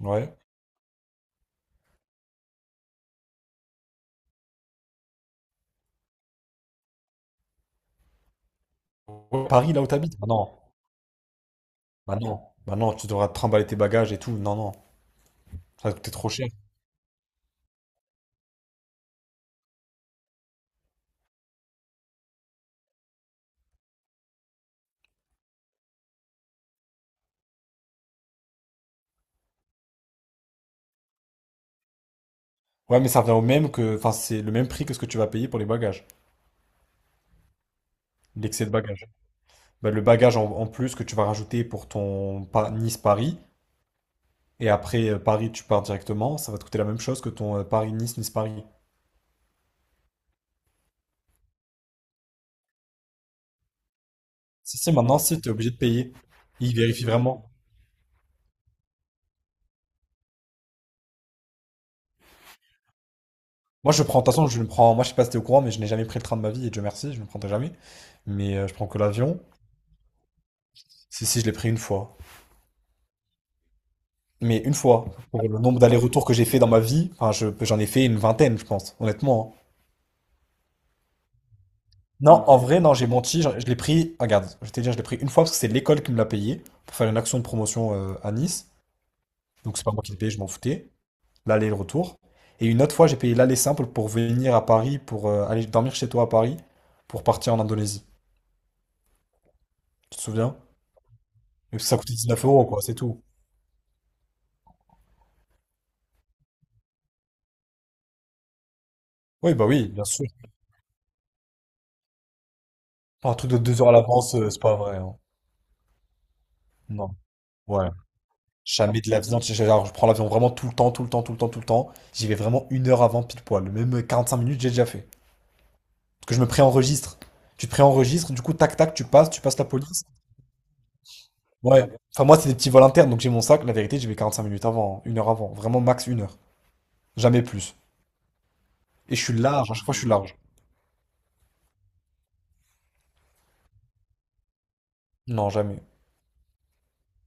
Ouais. Ouais, Paris, là où t'habites? Bah non. Bah non. Bah non, tu devras te trimballer tes bagages et tout. Non, non. Ça va te coûter trop cher. Ouais, mais ça revient au même que. Enfin, c'est le même prix que ce que tu vas payer pour les bagages. L'excès de bagages. Bah, le bagage en plus que tu vas rajouter pour ton Nice-Paris. Et après Paris, tu pars directement. Ça va te coûter la même chose que ton Paris-Nice-Nice-Paris. Si, si, maintenant, si, t'es obligé de payer. Il vérifie vraiment. Moi, je prends. De toute façon, je ne prends. Moi, je sais pas si t'es au courant, mais je n'ai jamais pris le train de ma vie. Et Dieu merci, je ne le prendrai jamais. Mais je prends que l'avion. Si, si, je l'ai pris une fois. Mais une fois, pour le nombre d'allers-retours que j'ai fait dans ma vie, enfin, j'en ai fait une vingtaine, je pense, honnêtement, hein. Non, en vrai, non, j'ai menti. Je l'ai pris, ah, regarde, je vais te dire, je l'ai pris une fois parce que c'est l'école qui me l'a payé pour faire une action de promotion à Nice. Donc, c'est pas moi qui l'ai payé, je m'en foutais. L'aller et le retour. Et une autre fois, j'ai payé l'aller simple pour venir à Paris, pour aller dormir chez toi à Paris, pour partir en Indonésie. Tu te souviens? Mais ça coûtait 19 euros, quoi, c'est tout. Oui, bah oui, bien sûr. Pas un truc de deux heures à l'avance, c'est pas vrai, hein. Non. Ouais. Jamais de l'avion, tu sais. Genre, je prends l'avion vraiment tout le temps, tout le temps, tout le temps, tout le temps. J'y vais vraiment une heure avant, pile poil. Même 45 minutes, j'ai déjà fait. Parce que je me préenregistre. Tu te préenregistres, du coup, tac, tac, tu passes, la police. Ouais. Enfin, moi, c'est des petits vols internes, donc j'ai mon sac. La vérité, j'y vais 45 minutes avant, hein, une heure avant. Vraiment, max une heure. Jamais plus. Et je suis large, à chaque fois, je suis large. Non, jamais.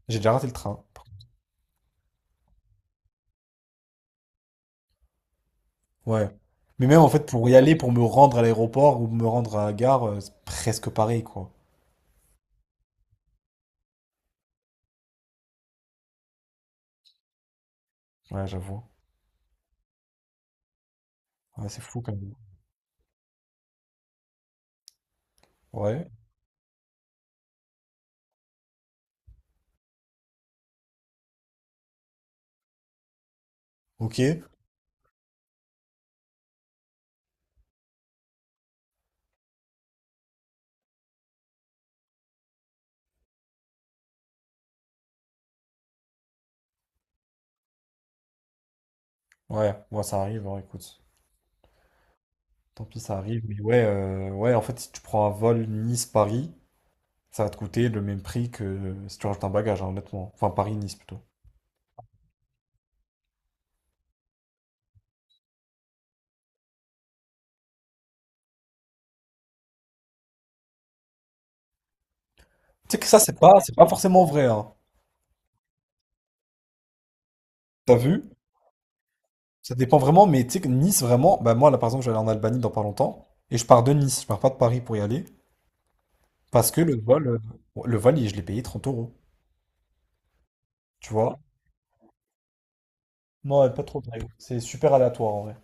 J'ai déjà raté le train. Ouais. Mais même, en fait, pour y aller, pour me rendre à l'aéroport ou me rendre à la gare, c'est presque pareil, quoi. Ouais, j'avoue. Ouais, c'est fou, quand même. Ouais. Ok. Ouais, moi ça arrive, hein, écoute. Tant pis, ça arrive. Mais ouais, ouais, en fait, si tu prends un vol Nice-Paris, ça va te coûter le même prix que si tu rajoutes un bagage, hein, honnêtement. Enfin, Paris-Nice plutôt. Tu sais que ça, c'est pas forcément vrai, hein. T'as vu? Ça dépend vraiment, mais tu sais que Nice, vraiment, bah moi, là, par exemple, je vais aller en Albanie dans pas longtemps, et je pars de Nice, je pars pas de Paris pour y aller, parce que le vol, je l'ai payé 30 euros, tu vois? Non, elle pas trop dingue. C'est super aléatoire, en vrai.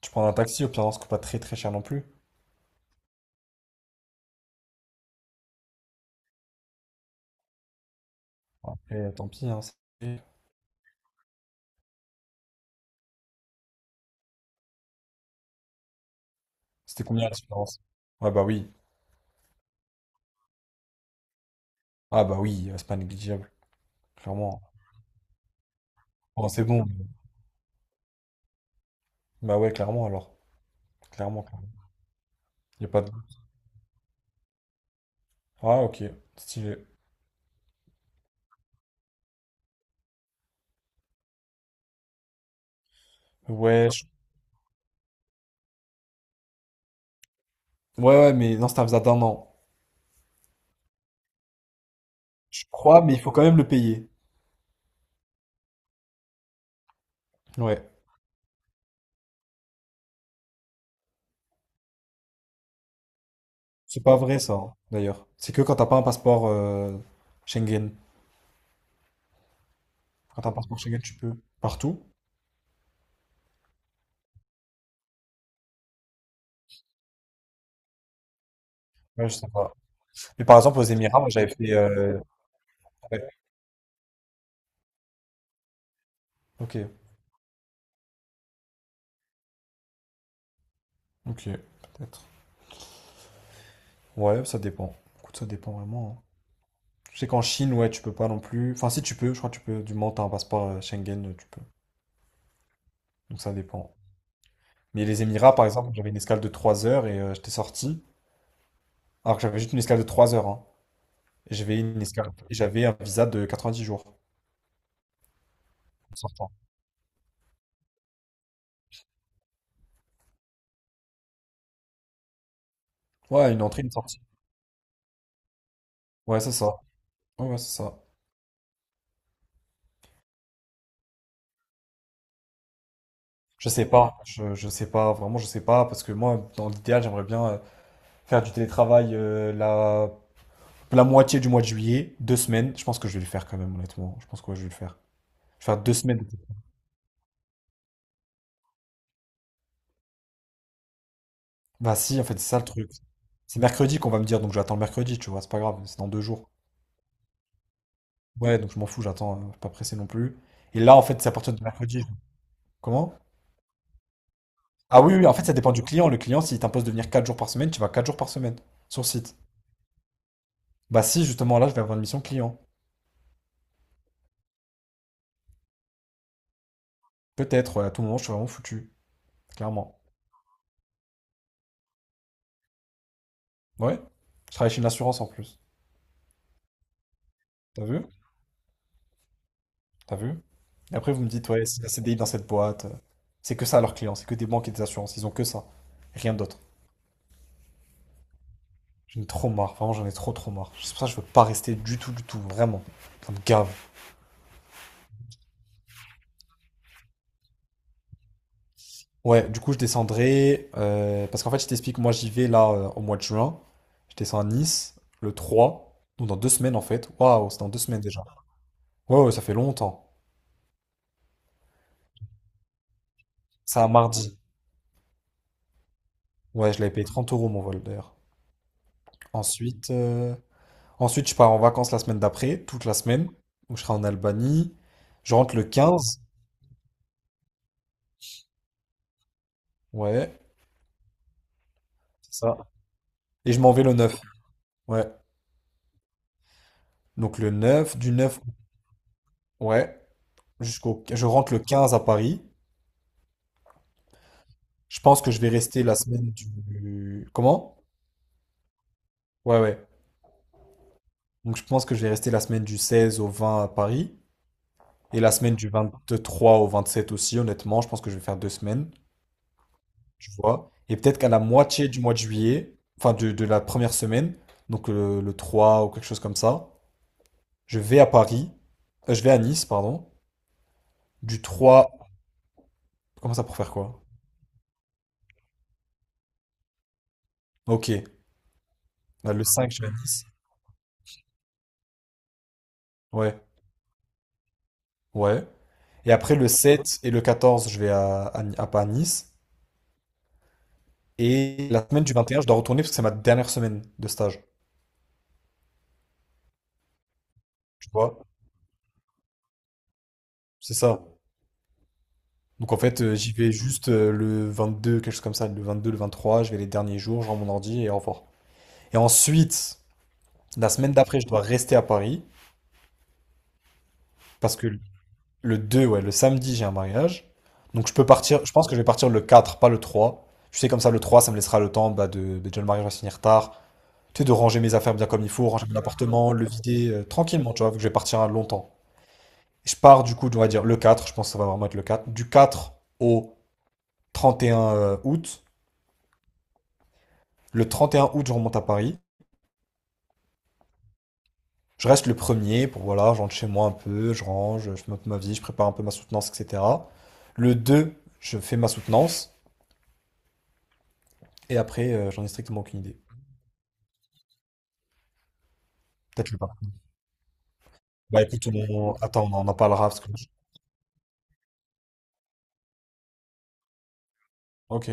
Tu prends un taxi, au pire, on se coûte pas très très cher non plus. Et tant pis, hein. c'est- C'était combien la différence? Ah bah oui. Ah bah oui, c'est pas négligeable. Clairement. Bon, c'est bon. Bah ouais, clairement alors. Clairement, clairement. Y a pas de... Ah ok, stylé. Ouais, ouais, ouais, mais non, c'est un visa d'un an. Je crois, mais il faut quand même le payer. Ouais. C'est pas vrai ça, hein, d'ailleurs. C'est que quand t'as pas un passeport Schengen. Quand t'as un passeport Schengen, tu peux. Partout? Ouais, je sais pas. Mais par exemple, aux Émirats, moi j'avais fait... ouais. Ok, ok, peut-être. Ouais, ça dépend. Écoute, ça dépend vraiment, hein. Je sais qu'en Chine, ouais, tu peux pas non plus. Enfin, si tu peux, je crois que tu peux. Du moment que t'as un passeport Schengen, tu peux. Donc ça dépend. Mais les Émirats, par exemple, j'avais une escale de 3 heures et j'étais sorti. Alors que j'avais juste une escale de 3 heures, hein. Et j'avais une escale... et j'avais un visa de 90 jours en sortant. Ouais, une entrée, une sortie. Ouais, c'est ça. Ouais, ouais, c'est ça. Je sais pas. Je sais pas. Vraiment, je sais pas. Parce que moi, dans l'idéal, j'aimerais bien faire du télétravail la... la moitié du mois de juillet, deux semaines. Je pense que je vais le faire quand même, honnêtement. Je pense que ouais, je vais le faire. Je vais faire deux semaines. Bah si, en fait, c'est ça le truc. C'est mercredi qu'on va me dire, donc j'attends le mercredi, tu vois, c'est pas grave, c'est dans deux jours. Ouais, donc je m'en fous, j'attends, je suis pas pressé non plus. Et là, en fait, c'est à partir de mercredi. Comment? Ah oui, oui, en fait, ça dépend du client. Le client, s'il t'impose de venir 4 jours par semaine, tu vas 4 jours par semaine sur site. Bah si, justement, là, je vais avoir une mission client. Peut-être, ouais, à tout moment, je suis vraiment foutu, clairement. Ouais, je travaille chez une assurance en plus. T'as vu? T'as vu? Et après, vous me dites, ouais, c'est un C D I dans cette boîte. C'est que ça, leurs clients, c'est que des banques et des assurances, ils ont que ça, rien d'autre. J'en ai trop marre, vraiment j'en ai trop trop marre. C'est pour ça que je veux pas rester du tout, vraiment. Ça me gave. Ouais, du coup je descendrai, parce qu'en fait je t'explique, moi j'y vais là au mois de juin. Je descends à Nice le 3, donc dans deux semaines en fait. Waouh, c'est dans deux semaines déjà. Ouais, ouais, ça fait longtemps. C'est un mardi. Ouais, je l'avais payé 30 euros mon vol d'ailleurs. Ensuite, euh, ensuite, je pars en vacances la semaine d'après, toute la semaine. Donc je serai en Albanie. Je rentre le 15. Ouais, c'est ça. Et je m'en vais le 9. Ouais. Donc le 9, du 9. Ouais, jusqu'au, je rentre le 15 à Paris. Je pense que je vais rester la semaine du... Comment? Ouais, ouais. Donc je pense que je vais rester la semaine du 16 au 20 à Paris. Et la semaine du 23 au 27 aussi, honnêtement. Je pense que je vais faire deux semaines, tu vois. Et peut-être qu'à la moitié du mois de juillet, enfin de la première semaine, donc le, 3 ou quelque chose comme ça, je vais à Paris. Je vais à Nice, pardon. Du trois. Comment ça pour faire quoi? Ok. Le 5 je vais à Nice. Ouais. Ouais. Et après, le 7 et le 14, je vais pas à Nice. Et la semaine du 21, je dois retourner parce que c'est ma dernière semaine de stage. Tu vois? C'est ça. Donc en fait, j'y vais juste le 22, quelque chose comme ça. Le 22, le 23, je vais les derniers jours, je rends mon ordi et au revoir. Et ensuite, la semaine d'après, je dois rester à Paris parce que le 2, ouais, le samedi, j'ai un mariage. Donc je peux partir, je pense que je vais partir le 4, pas le 3. Tu sais, comme ça, le 3, ça me laissera le temps, bah, de. Bah, déjà, le mariage va se finir tard. Tu sais, de ranger mes affaires bien comme il faut, ranger mon appartement, le vider tranquillement, tu vois, vu que je vais partir longtemps. Je pars du coup, on va dire le 4, je pense que ça va vraiment être le 4, du 4 au 31 août. Le 31 août, je remonte à Paris. Je reste le premier pour, voilà, je rentre chez moi un peu, je range, je monte ma vie, je prépare un peu ma soutenance, etc. Le 2, je fais ma soutenance, et après, j'en ai strictement aucune idée. Peut-être le pas. Bah écoute, on... attends, on en parlera parce que... Ok,